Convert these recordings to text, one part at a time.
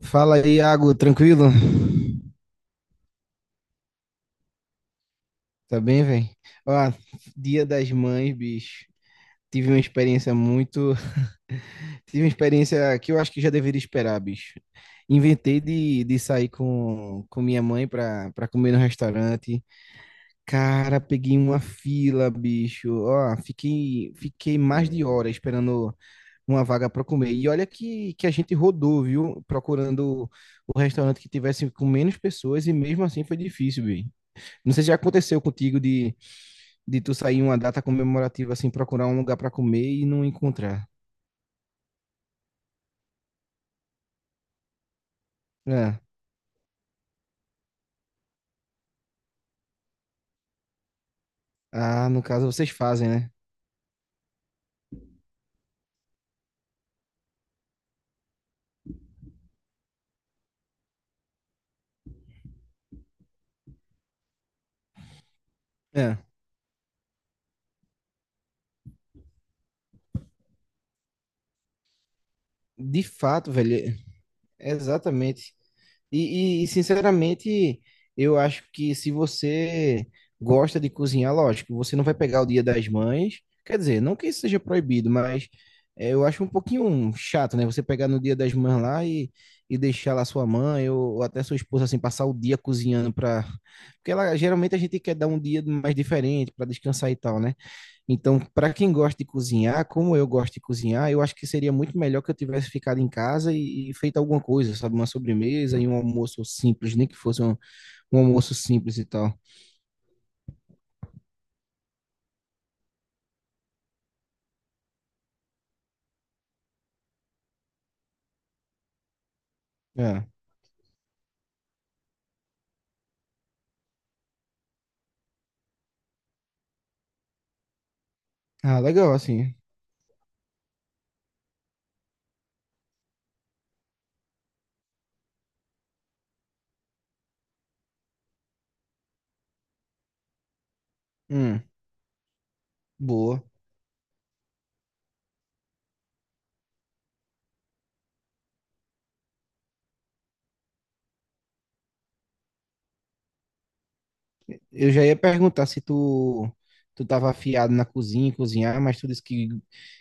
Fala aí, Iago, tranquilo? Tá bem, velho? Ó, Dia das Mães, bicho. Tive uma experiência muito. Tive uma experiência que eu acho que já deveria esperar, bicho. Inventei de sair com minha mãe pra comer no restaurante. Cara, peguei uma fila, bicho. Ó, fiquei mais de hora esperando uma vaga pra comer. E olha que a gente rodou, viu? Procurando o restaurante que tivesse com menos pessoas e mesmo assim foi difícil, bicho. Não sei se já aconteceu contigo de tu sair em uma data comemorativa, assim, procurar um lugar pra comer e não encontrar. É. Ah, no caso vocês fazem, né? É. De fato, velho, exatamente. Sinceramente, eu acho que se você gosta de cozinhar, lógico, você não vai pegar o Dia das Mães. Quer dizer, não que isso seja proibido, mas eu acho um pouquinho chato, né? Você pegar no Dia das Mães lá e deixar lá sua mãe ou até sua esposa, assim, passar o dia cozinhando para. Porque ela, geralmente a gente quer dar um dia mais diferente para descansar e tal, né? Então, para quem gosta de cozinhar, como eu gosto de cozinhar, eu acho que seria muito melhor que eu tivesse ficado em casa e feito alguma coisa, sabe? Uma sobremesa e um almoço simples, nem que fosse um almoço simples e tal. É. Ah, legal, assim. Hum, boa. Eu já ia perguntar se tu tava afiado na cozinha, em cozinhar, mas tu disse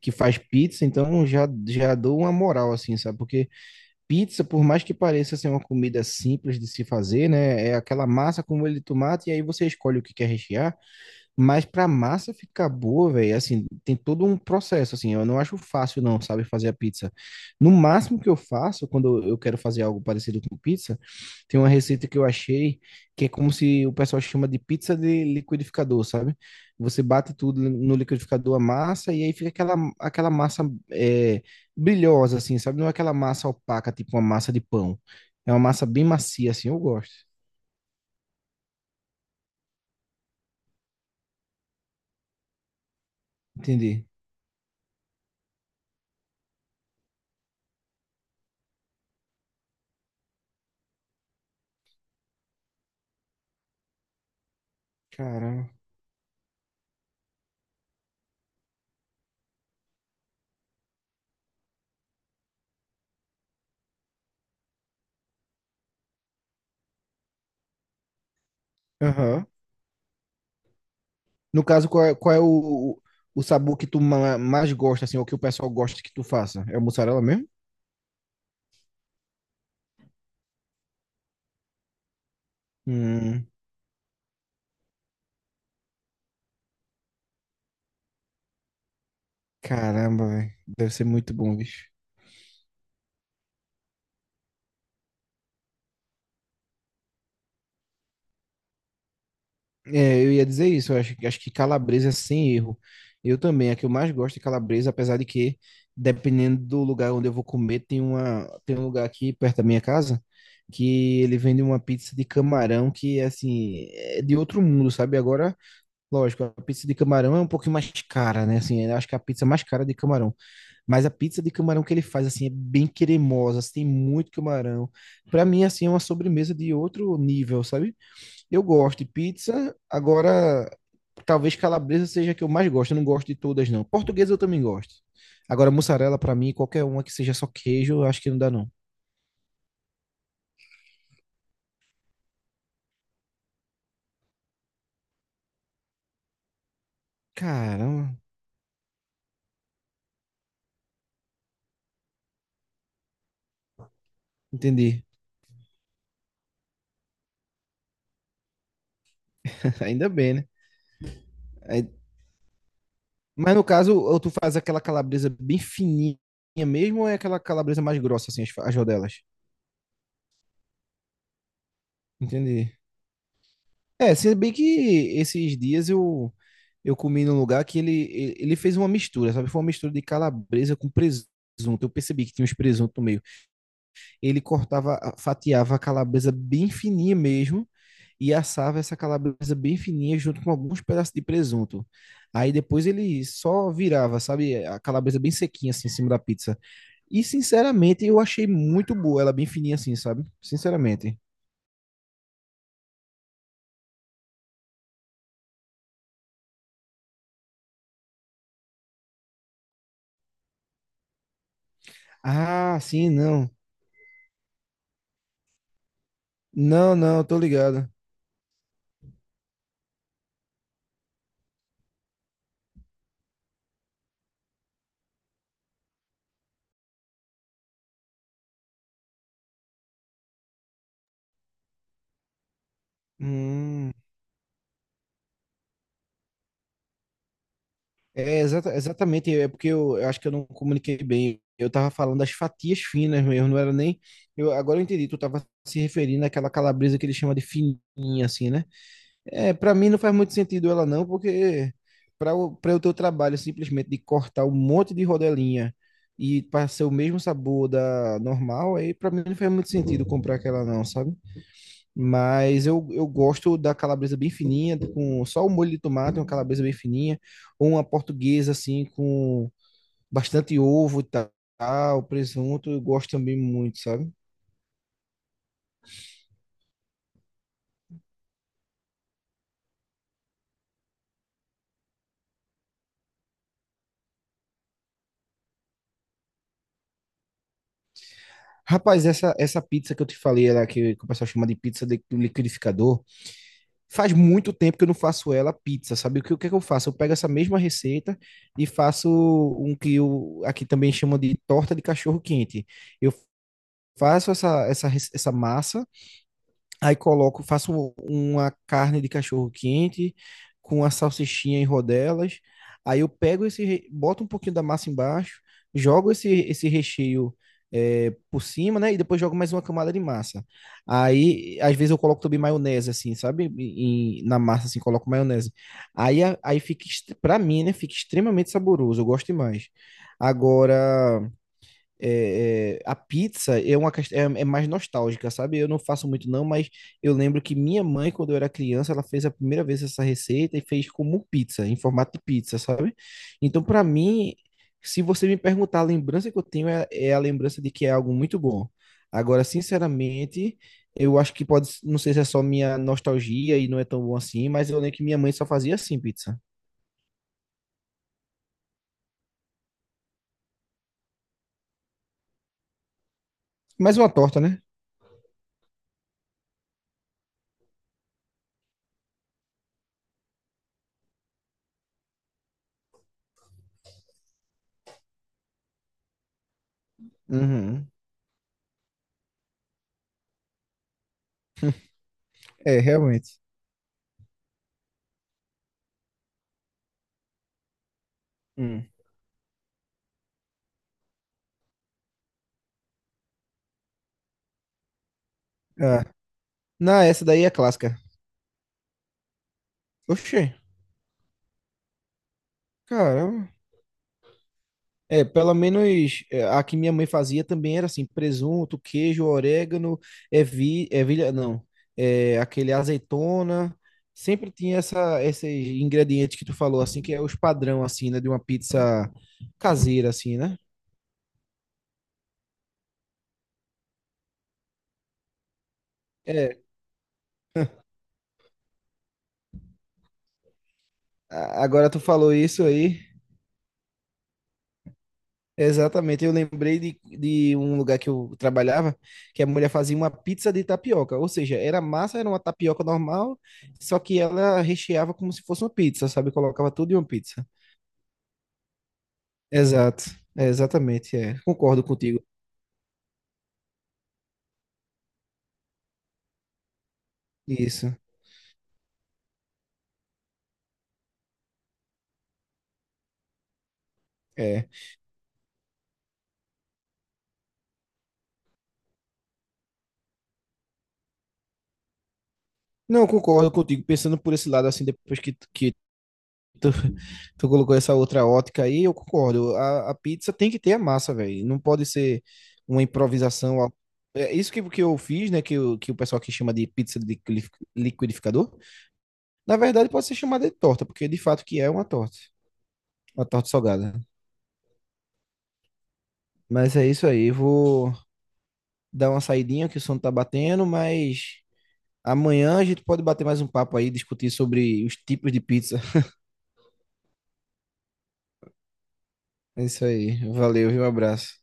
que faz pizza, então já dou uma moral, assim, sabe? Porque pizza, por mais que pareça ser uma comida simples de se fazer, né? É aquela massa com molho de tomate e aí você escolhe o que quer rechear. Mas pra massa ficar boa, velho, assim, tem todo um processo, assim. Eu não acho fácil, não, sabe, fazer a pizza. No máximo que eu faço, quando eu quero fazer algo parecido com pizza, tem uma receita que eu achei que é como se o pessoal chama de pizza de liquidificador, sabe? Você bate tudo no liquidificador, a massa, e aí fica aquela massa é, brilhosa, assim, sabe? Não é aquela massa opaca, tipo uma massa de pão. É uma massa bem macia, assim, eu gosto. Entendi. Caramba. Aham. No caso, qual é o sabor que tu mais gosta, assim, ou que o pessoal gosta que tu faça? É o mussarela mesmo? Hum, caramba, velho. Deve ser muito bom, bicho. É, eu ia dizer isso, acho que calabresa é sem erro. Eu também, a que eu mais gosto é calabresa, apesar de que, dependendo do lugar onde eu vou comer, tem tem um lugar aqui perto da minha casa que ele vende uma pizza de camarão que, assim, é de outro mundo, sabe? Agora, lógico, a pizza de camarão é um pouquinho mais cara, né? Assim, eu acho que a pizza mais cara é de camarão. Mas a pizza de camarão que ele faz, assim, é bem cremosa, assim, tem muito camarão. Pra mim, assim, é uma sobremesa de outro nível, sabe? Eu gosto de pizza, agora talvez calabresa seja a que eu mais gosto. Eu não gosto de todas, não. Portuguesa eu também gosto. Agora, mussarela, pra mim, qualquer uma que seja só queijo, eu acho que não dá, não. Caramba, entendi. Ainda bem, né? Aí- mas no caso, ou tu faz aquela calabresa bem fininha mesmo, ou é aquela calabresa mais grossa, assim, as rodelas? Entendi. É, se bem que esses dias eu comi num lugar que ele fez uma mistura, sabe? Foi uma mistura de calabresa com presunto. Eu percebi que tinha uns presunto no meio. Ele cortava, fatiava a calabresa bem fininha mesmo e assava essa calabresa bem fininha junto com alguns pedaços de presunto. Aí depois ele só virava, sabe, a calabresa bem sequinha assim em cima da pizza. E sinceramente eu achei muito boa, ela bem fininha assim, sabe? Sinceramente. Ah, sim, não. Não, não, tô ligado. Hum, exatamente, é porque eu acho que eu não comuniquei bem. Eu tava falando das fatias finas mesmo, não era nem. Agora eu entendi, tu tava se referindo àquela calabresa que ele chama de fininha, assim, né? É, para mim não faz muito sentido ela não, porque para o pra o teu trabalho simplesmente de cortar um monte de rodelinha e para ser o mesmo sabor da normal, aí para mim não faz muito sentido comprar aquela não, sabe? Mas eu gosto da calabresa bem fininha, com só o molho de tomate, uma calabresa bem fininha, ou uma portuguesa assim, com bastante ovo e tal, presunto, eu gosto também muito, sabe? Rapaz, essa pizza que eu te falei, ela que o pessoal chama de pizza de do liquidificador, faz muito tempo que eu não faço ela pizza, sabe? O que é que eu faço? Eu pego essa mesma receita e faço um que eu, aqui também chama de torta de cachorro quente. Eu faço essa massa. Aí coloco, faço uma carne de cachorro quente com a salsichinha em rodelas. Aí eu pego boto um pouquinho da massa embaixo, jogo esse recheio por cima, né? E depois jogo mais uma camada de massa. Aí, às vezes eu coloco também maionese, assim, sabe? Na massa, assim, coloco maionese. Aí fica, pra mim, né? Fica extremamente saboroso. Eu gosto demais. Agora a pizza é uma é mais nostálgica, sabe? Eu não faço muito não, mas eu lembro que minha mãe, quando eu era criança, ela fez a primeira vez essa receita e fez como pizza, em formato de pizza, sabe? Então, para mim, se você me perguntar, a lembrança que eu tenho é a lembrança de que é algo muito bom. Agora, sinceramente, eu acho que pode, não sei se é só minha nostalgia e não é tão bom assim, mas eu lembro que minha mãe só fazia assim pizza. Mais uma torta, né? Uhum. É, realmente. Hum. Ah, não, essa daí é clássica. Oxê, caramba. É, pelo menos é, a que minha mãe fazia também era assim, presunto, queijo, orégano, ervilha, não, é, aquele azeitona, sempre tinha esses ingredientes que tu falou, assim, que é os padrão, assim, né, de uma pizza caseira, assim, né? É, agora tu falou isso aí, exatamente, eu lembrei de um lugar que eu trabalhava, que a mulher fazia uma pizza de tapioca, ou seja, era massa, era uma tapioca normal, só que ela recheava como se fosse uma pizza, sabe? Colocava tudo em uma pizza. Exato, é, exatamente, é. Concordo contigo. Isso, é. Não, concordo contigo, pensando por esse lado, assim, depois que Tu, tu colocou essa outra ótica aí, eu concordo. A pizza tem que ter a massa, velho. Não pode ser uma improvisação. É isso que eu fiz, né? Que o pessoal aqui chama de pizza de liquidificador. Na verdade, pode ser chamada de torta, porque de fato que é uma torta. Uma torta salgada. Mas é isso aí. Vou dar uma saidinha que o sono tá batendo, mas amanhã a gente pode bater mais um papo aí, discutir sobre os tipos de pizza. É isso aí. Valeu, viu? Um abraço.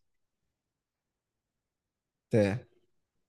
Até.